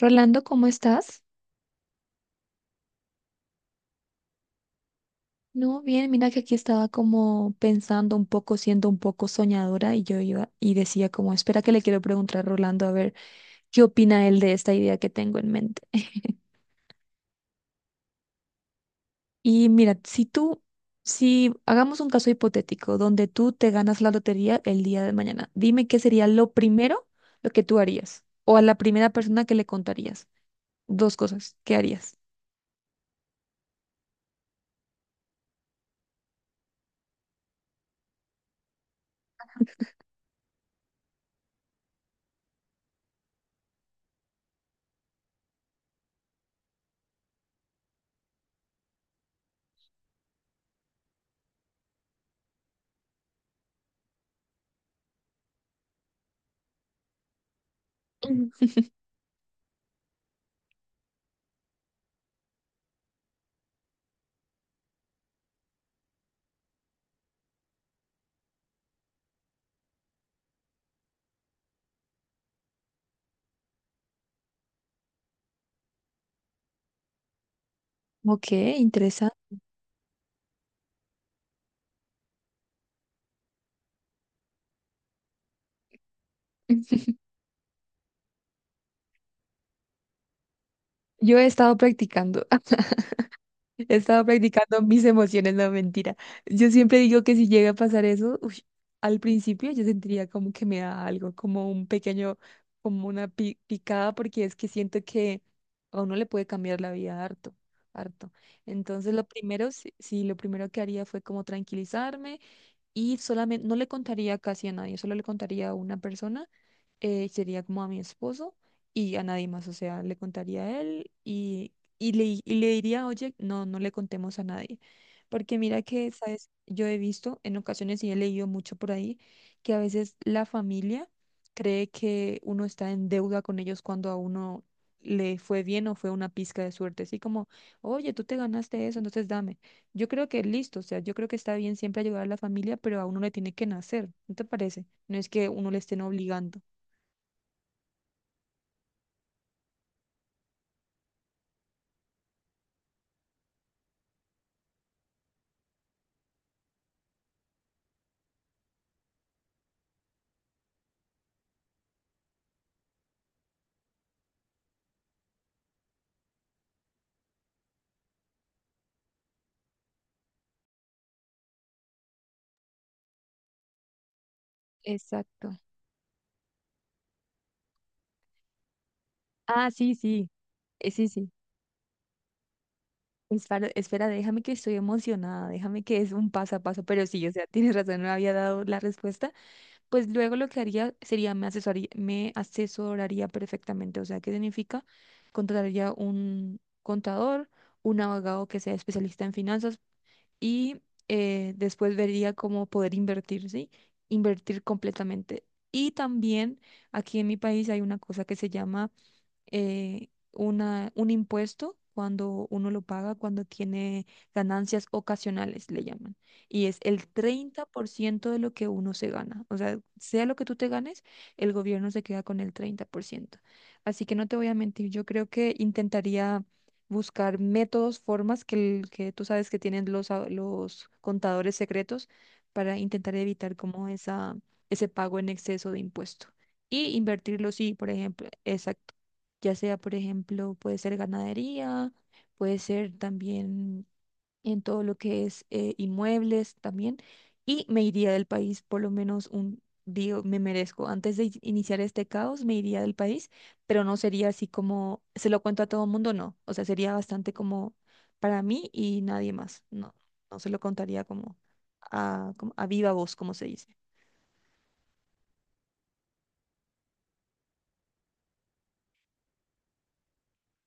Rolando, ¿cómo estás? No, bien, mira que aquí estaba como pensando un poco, siendo un poco soñadora y yo iba y decía como, espera que le quiero preguntar a Rolando a ver qué opina él de esta idea que tengo en mente. Y mira, si tú, si hagamos un caso hipotético donde tú te ganas la lotería el día de mañana, dime qué sería lo primero lo que tú harías o a la primera persona que le contarías. Dos cosas, ¿qué harías? Ujú. Ok, interesante. Yo he estado practicando. He estado practicando mis emociones, no mentira. Yo siempre digo que si llega a pasar eso, uy, al principio yo sentiría como que me da algo, como un pequeño, como una picada, porque es que siento que a uno le puede cambiar la vida harto, harto. Entonces lo primero, sí, sí, lo primero que haría fue como tranquilizarme y solamente no le contaría casi a nadie, solo le contaría a una persona, sería como a mi esposo y a nadie más, o sea, le contaría a él y y le diría, oye, no, no le contemos a nadie, porque mira que, sabes, yo he visto en ocasiones y he leído mucho por ahí que a veces la familia cree que uno está en deuda con ellos cuando a uno le fue bien o fue una pizca de suerte, así como, oye, tú te ganaste eso, entonces dame. Yo creo que listo, o sea, yo creo que está bien siempre ayudar a la familia, pero a uno le tiene que nacer, ¿no te parece? No es que uno le estén obligando. Exacto. Ah, sí, sí. Sí, sí. Espera, espera, déjame que estoy emocionada, déjame que es un paso a paso, pero sí, o sea, tienes razón, no había dado la respuesta. Pues luego lo que haría sería me asesoraría perfectamente, o sea, ¿qué significa? Contrataría un contador, un abogado que sea especialista en finanzas y después vería cómo poder invertir, ¿sí? Invertir completamente. Y también aquí en mi país hay una cosa que se llama una, un impuesto cuando uno lo paga, cuando tiene ganancias ocasionales, le llaman. Y es el 30% de lo que uno se gana. O sea, sea lo que tú te ganes, el gobierno se queda con el 30%. Así que no te voy a mentir, yo creo que intentaría buscar métodos, formas que, que tú sabes que tienen los, los contadores secretos para intentar evitar como esa, ese pago en exceso de impuesto. Y invertirlo, sí, por ejemplo, exacto ya sea, por ejemplo, puede ser ganadería, puede ser también en todo lo que es inmuebles también, y me iría del país por lo menos un, día me merezco, antes de iniciar este caos, me iría del país, pero no sería así como, se lo cuento a todo el mundo, no, o sea, sería bastante como para mí y nadie más, no, no se lo contaría como a, como a viva voz, como se dice.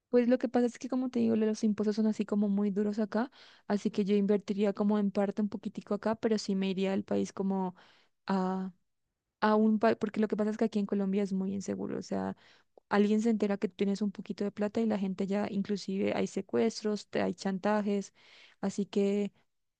Pues lo que pasa es que, como te digo, los impuestos son así como muy duros acá, así que yo invertiría como en parte un poquitico acá, pero sí me iría al país como a un porque lo que pasa es que aquí en Colombia es muy inseguro, o sea, alguien se entera que tú tienes un poquito de plata y la gente ya, inclusive hay secuestros, hay chantajes, así que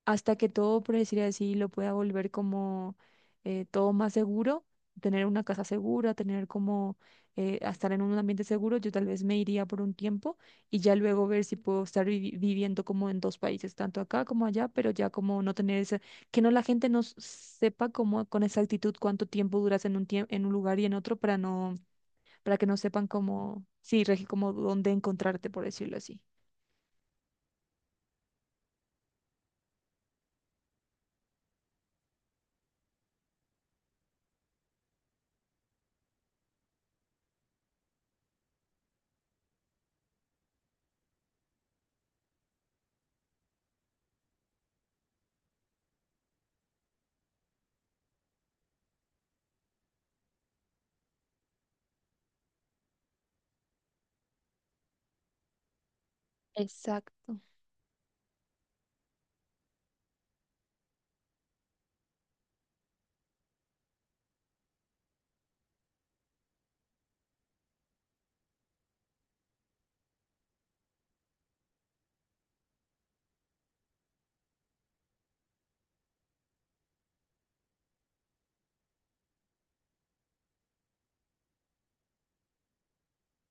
hasta que todo, por decir así, lo pueda volver como todo más seguro, tener una casa segura, tener como a estar en un ambiente seguro, yo tal vez me iría por un tiempo y ya luego ver si puedo estar viviendo como en dos países, tanto acá como allá, pero ya como no tener que no la gente no sepa cómo con exactitud cuánto tiempo duras en un tiempo en un lugar y en otro para no para que no sepan cómo sí, Regi, como dónde encontrarte por decirlo así. Exacto.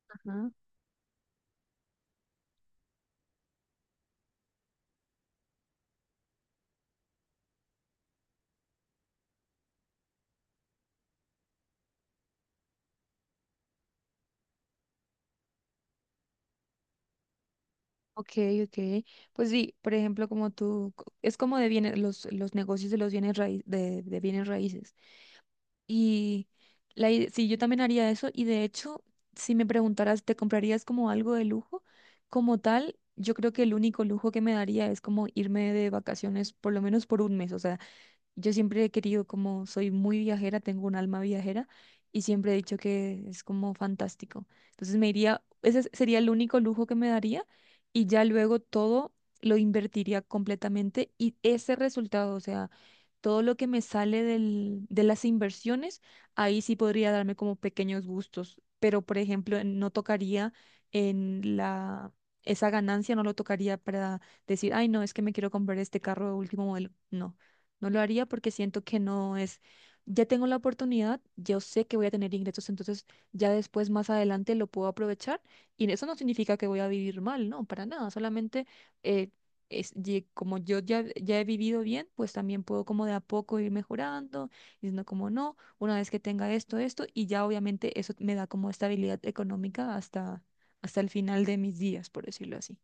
Ajá. Ok, ok. Pues sí, por ejemplo, como tú, es como de bienes, los negocios de los bienes raíces, de bienes raíces. Y la, sí, yo también haría eso. Y de hecho, si me preguntaras, ¿te comprarías como algo de lujo? Como tal, yo creo que el único lujo que me daría es como irme de vacaciones por lo menos por un mes. O sea, yo siempre he querido, como soy muy viajera, tengo un alma viajera y siempre he dicho que es como fantástico. Entonces me iría, sería el único lujo que me daría y ya luego todo lo invertiría completamente y ese resultado, o sea, todo lo que me sale de las inversiones, ahí sí podría darme como pequeños gustos, pero por ejemplo, no tocaría en la... Esa ganancia no lo tocaría para decir, ay, no, es que me quiero comprar este carro de último modelo. No. No lo haría porque siento que no es, ya tengo la oportunidad, yo sé que voy a tener ingresos, entonces ya después más adelante lo puedo aprovechar y eso no significa que voy a vivir mal, no, para nada, solamente eh, es, como yo ya, ya he vivido bien, pues también puedo como de a poco ir mejorando, diciendo como no, una vez que tenga esto, esto y ya obviamente eso me da como estabilidad económica hasta, hasta el final de mis días, por decirlo así.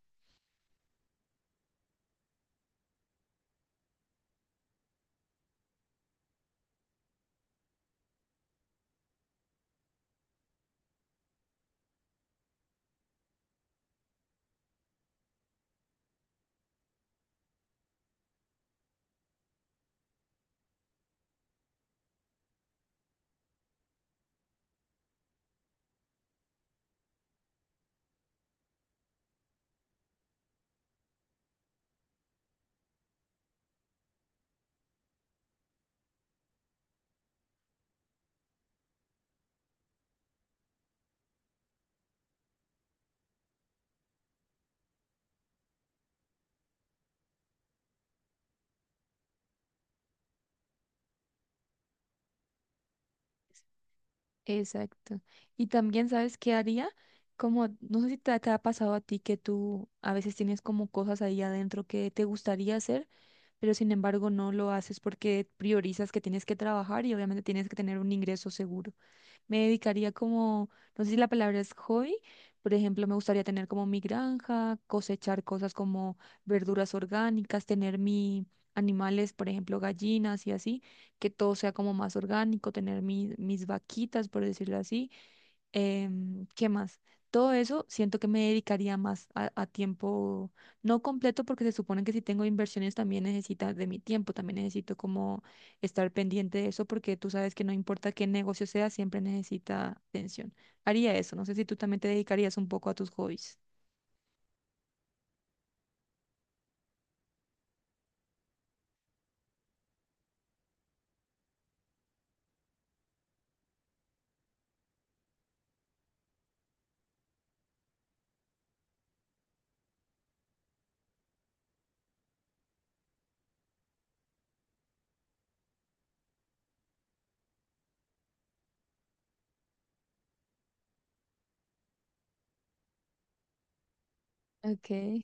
Exacto. Y también, ¿sabes qué haría? Como, no sé si te, te ha pasado a ti que tú a veces tienes como cosas ahí adentro que te gustaría hacer, pero sin embargo no lo haces porque priorizas que tienes que trabajar y obviamente tienes que tener un ingreso seguro me dedicaría como, no sé si la palabra es hobby, por ejemplo, me gustaría tener como mi granja, cosechar cosas como verduras orgánicas, tener mi animales, por ejemplo, gallinas y así, que todo sea como más orgánico, tener mis vaquitas, por decirlo así, ¿qué más? Todo eso siento que me dedicaría más a tiempo, no completo, porque se supone que si tengo inversiones también necesitas de mi tiempo, también necesito como estar pendiente de eso, porque tú sabes que no importa qué negocio sea, siempre necesita atención. Haría eso, no sé si tú también te dedicarías un poco a tus hobbies. Okay.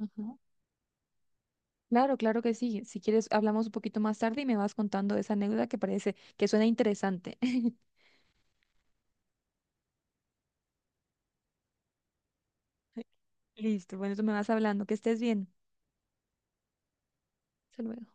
Ajá. Claro, claro que sí. Si quieres, hablamos un poquito más tarde y me vas contando esa anécdota que parece que suena interesante. Listo, bueno, tú me vas hablando, que estés bien. Hasta luego.